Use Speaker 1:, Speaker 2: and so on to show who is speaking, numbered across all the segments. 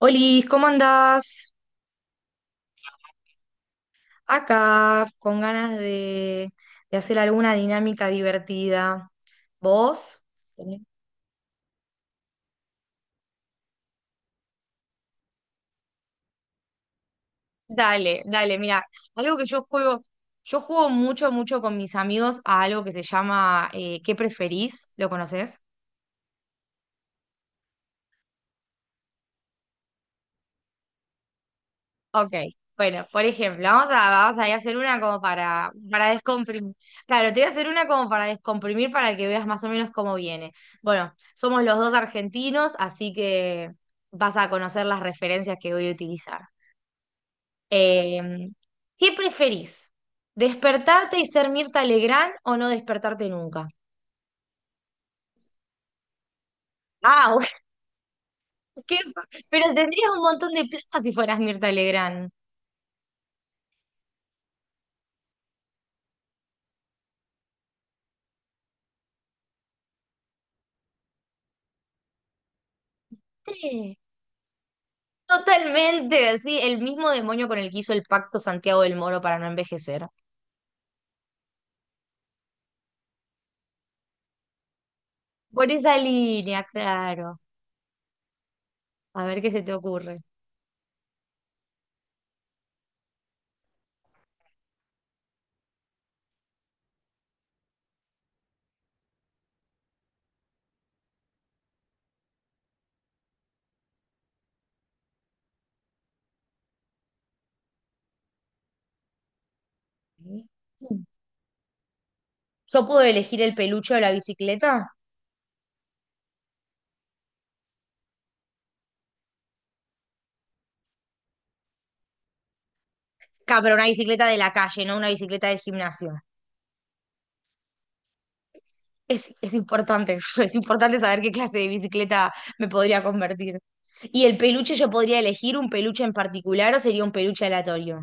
Speaker 1: Olis, ¿cómo andás? Acá, con ganas de hacer alguna dinámica divertida. ¿Vos? ¿Tenés? Dale, dale, mira, algo que yo juego mucho con mis amigos a algo que se llama ¿qué preferís? ¿Lo conoces? Ok, bueno, por ejemplo, vamos a ir a hacer una como para descomprimir. Claro, te voy a hacer una como para descomprimir para que veas más o menos cómo viene. Bueno, somos los dos argentinos, así que vas a conocer las referencias que voy a utilizar. Eh, ¿Qué preferís? ¿Despertarte y ser Mirta Legrand o no despertarte nunca? Ah, bueno, qué- pero tendrías un montón de plata si fueras Mirta Legrand. Totalmente, sí, el mismo demonio con el que hizo el pacto Santiago del Moro para no envejecer. Por esa línea, claro. A ver qué se te ocurre. ¿Yo puedo elegir el peluche de la bicicleta? Claro, pero una bicicleta de la calle, no una bicicleta del gimnasio. Es importante eso, es importante saber qué clase de bicicleta me podría convertir. ¿Y el peluche yo podría elegir un peluche en particular o sería un peluche aleatorio?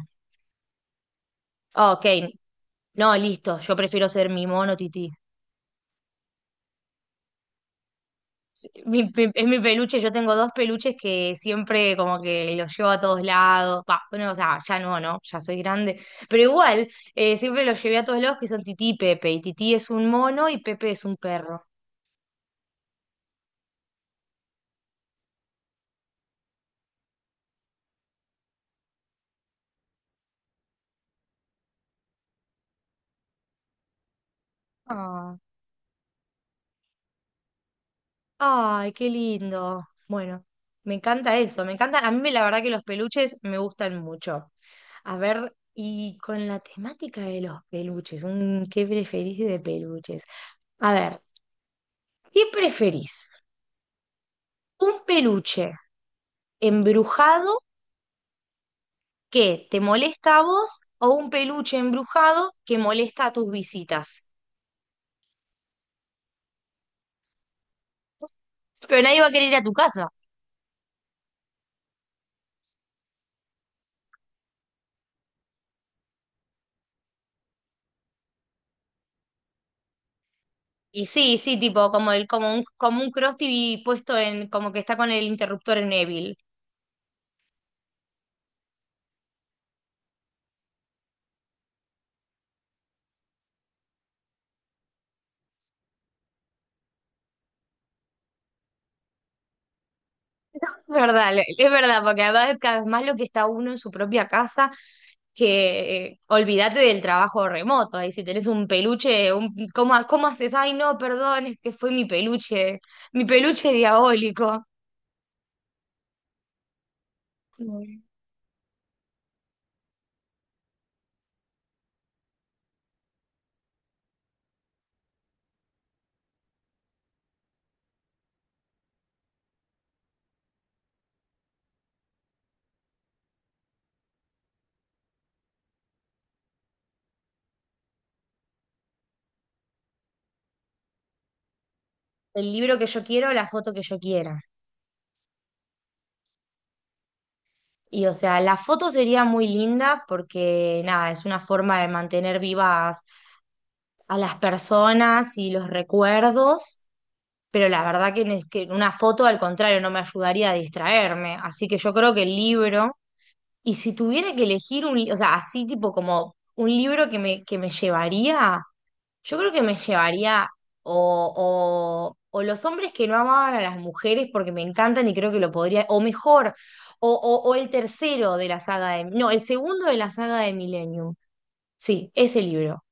Speaker 1: Ah, ok, no, listo, yo prefiero ser mi mono tití. Sí, es mi peluche, yo tengo dos peluches que siempre como que los llevo a todos lados. Va, bueno, o sea, ya no, ¿no? Ya soy grande. Pero igual, siempre los llevé a todos lados que son Tití y Pepe. Y Tití es un mono y Pepe es un perro. Ah, ay, qué lindo. Bueno, me encanta eso, me encanta. A mí la verdad que los peluches me gustan mucho. A ver, y con la temática de los peluches, ¿qué preferís de peluches? A ver, ¿qué preferís? ¿Un peluche embrujado que te molesta a vos o un peluche embrujado que molesta a tus visitas? Pero nadie va a querer ir a tu casa. Y sí, sí, tipo, como el, como un Cross TV puesto en, como que está con el interruptor en Evil. Es verdad, es verdad, porque además cada vez más lo que está uno en su propia casa, que olvídate del trabajo remoto, ahí si tenés un peluche, un, ¿cómo, cómo haces? Ay, no, perdón, es que fue mi peluche diabólico. El libro que yo quiero, la foto que yo quiera. Y o sea, la foto sería muy linda porque nada, es una forma de mantener vivas a las personas y los recuerdos, pero la verdad que, que una foto al contrario no me ayudaría a distraerme. Así que yo creo que el libro, y si tuviera que elegir un, o sea, así tipo como un libro que me llevaría. Yo creo que me llevaría o los hombres que no amaban a las mujeres porque me encantan y creo que lo podría, o mejor, o el tercero de la saga de, no, el segundo de la saga de Millennium. Sí, ese libro.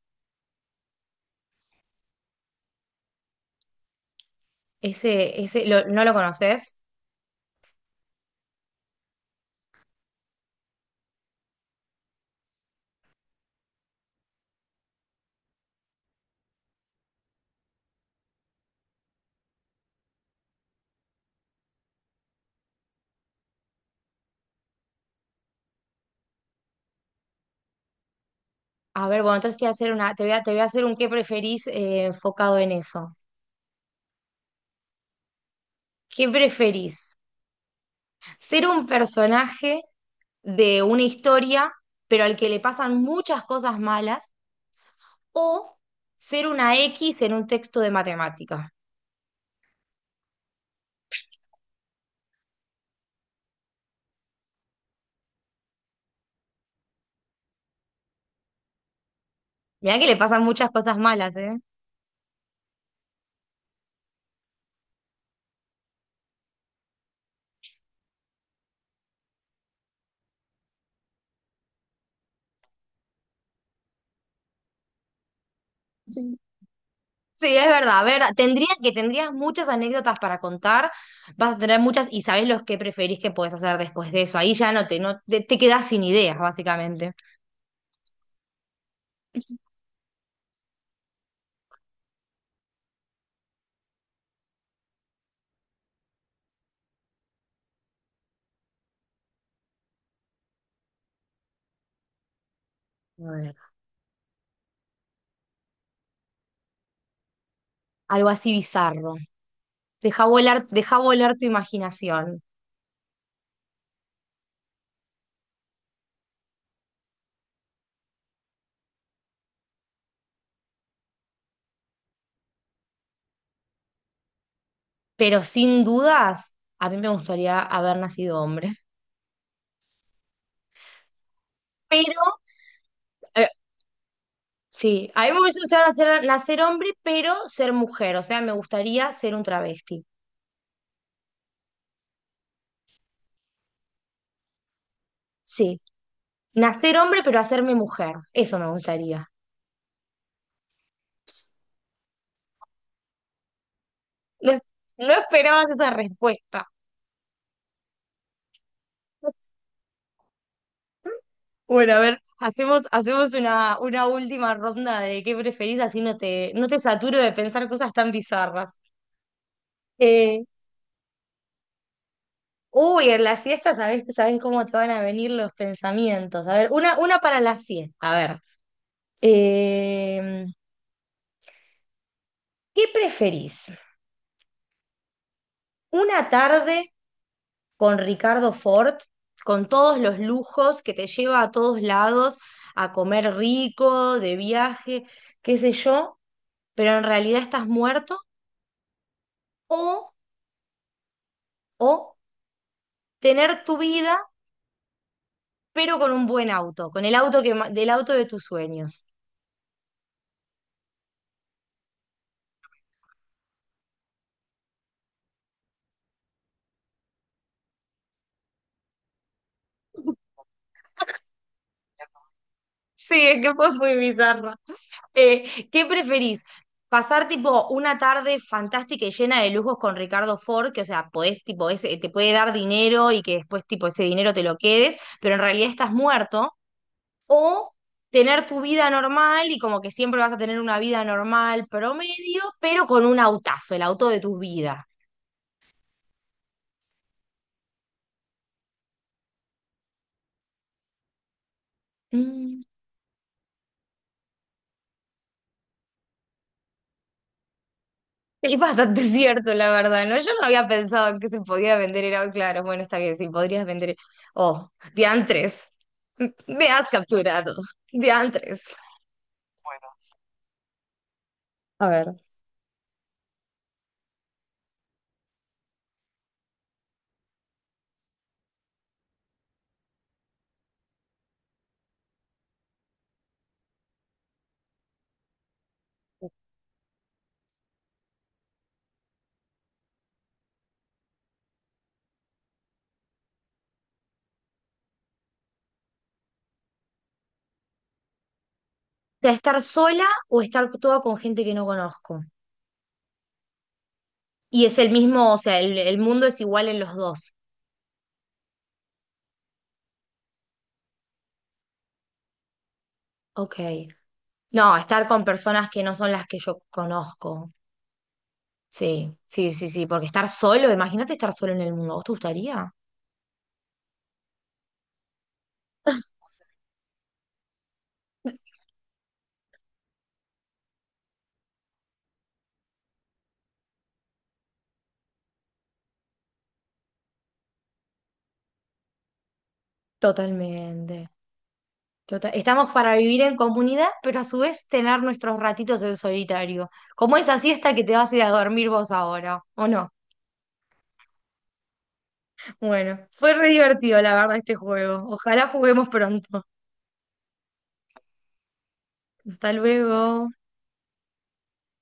Speaker 1: Ese, ¿no lo conoces? A ver, bueno, entonces te voy a hacer una, te voy a hacer un qué preferís enfocado en eso. ¿Qué preferís? ¿Ser un personaje de una historia, pero al que le pasan muchas cosas malas, o ser una X en un texto de matemáticas? Mirá que le pasan muchas cosas malas, ¿eh? Sí. Sí, es verdad, verdad. Tendría que tendrías muchas anécdotas para contar, vas a tener muchas y sabés los que preferís que podés hacer después de eso. Ahí ya te quedás sin ideas, básicamente. A ver. Algo así bizarro. Deja volar tu imaginación. Pero sin dudas, a mí me gustaría haber nacido hombre. Pero sí, a mí me hubiese gustado nacer, nacer hombre, pero ser mujer. O sea, me gustaría ser un travesti. Sí, nacer hombre, pero hacerme mujer. Eso me gustaría. No, no esperabas esa respuesta. Bueno, a ver, hacemos, hacemos una última ronda de qué preferís, así no te saturo de pensar cosas tan bizarras. Eh, uy, en la siesta sabés, sabés cómo te van a venir los pensamientos. A ver, una para la siesta. A ver, em, ¿qué preferís? Una tarde con Ricardo Ford, con todos los lujos que te lleva a todos lados, a comer rico, de viaje, qué sé yo, pero en realidad estás muerto, o, o tener tu vida, pero con un buen auto, con el auto del auto de tus sueños. Sí, es que fue muy bizarro. ¿Qué preferís? ¿Pasar tipo una tarde fantástica y llena de lujos con Ricardo Ford, que o sea, podés, tipo, ese, te puede dar dinero y que después tipo ese dinero te lo quedes, pero en realidad estás muerto? ¿O tener tu vida normal y como que siempre vas a tener una vida normal promedio, pero con un autazo, el auto de tu vida? Mm. Es bastante cierto, la verdad, ¿no? Yo no había pensado que se podía vender helado, claro. Bueno, está bien, sí, podrías vender. Oh, diantres. Me has capturado. Diantres. A ver. O estar sola o estar toda con gente que no conozco. Y es el mismo, o sea, el mundo es igual en los dos. Ok. No, estar con personas que no son las que yo conozco. Sí, sí, sí, sí. Porque estar solo, imagínate estar solo en el mundo. ¿Vos te gustaría? Totalmente. Estamos para vivir en comunidad, pero a su vez tener nuestros ratitos en solitario, como esa siesta que te vas a ir a dormir vos ahora, ¿o no? Bueno, fue re divertido la verdad este juego. Ojalá juguemos pronto. Hasta luego.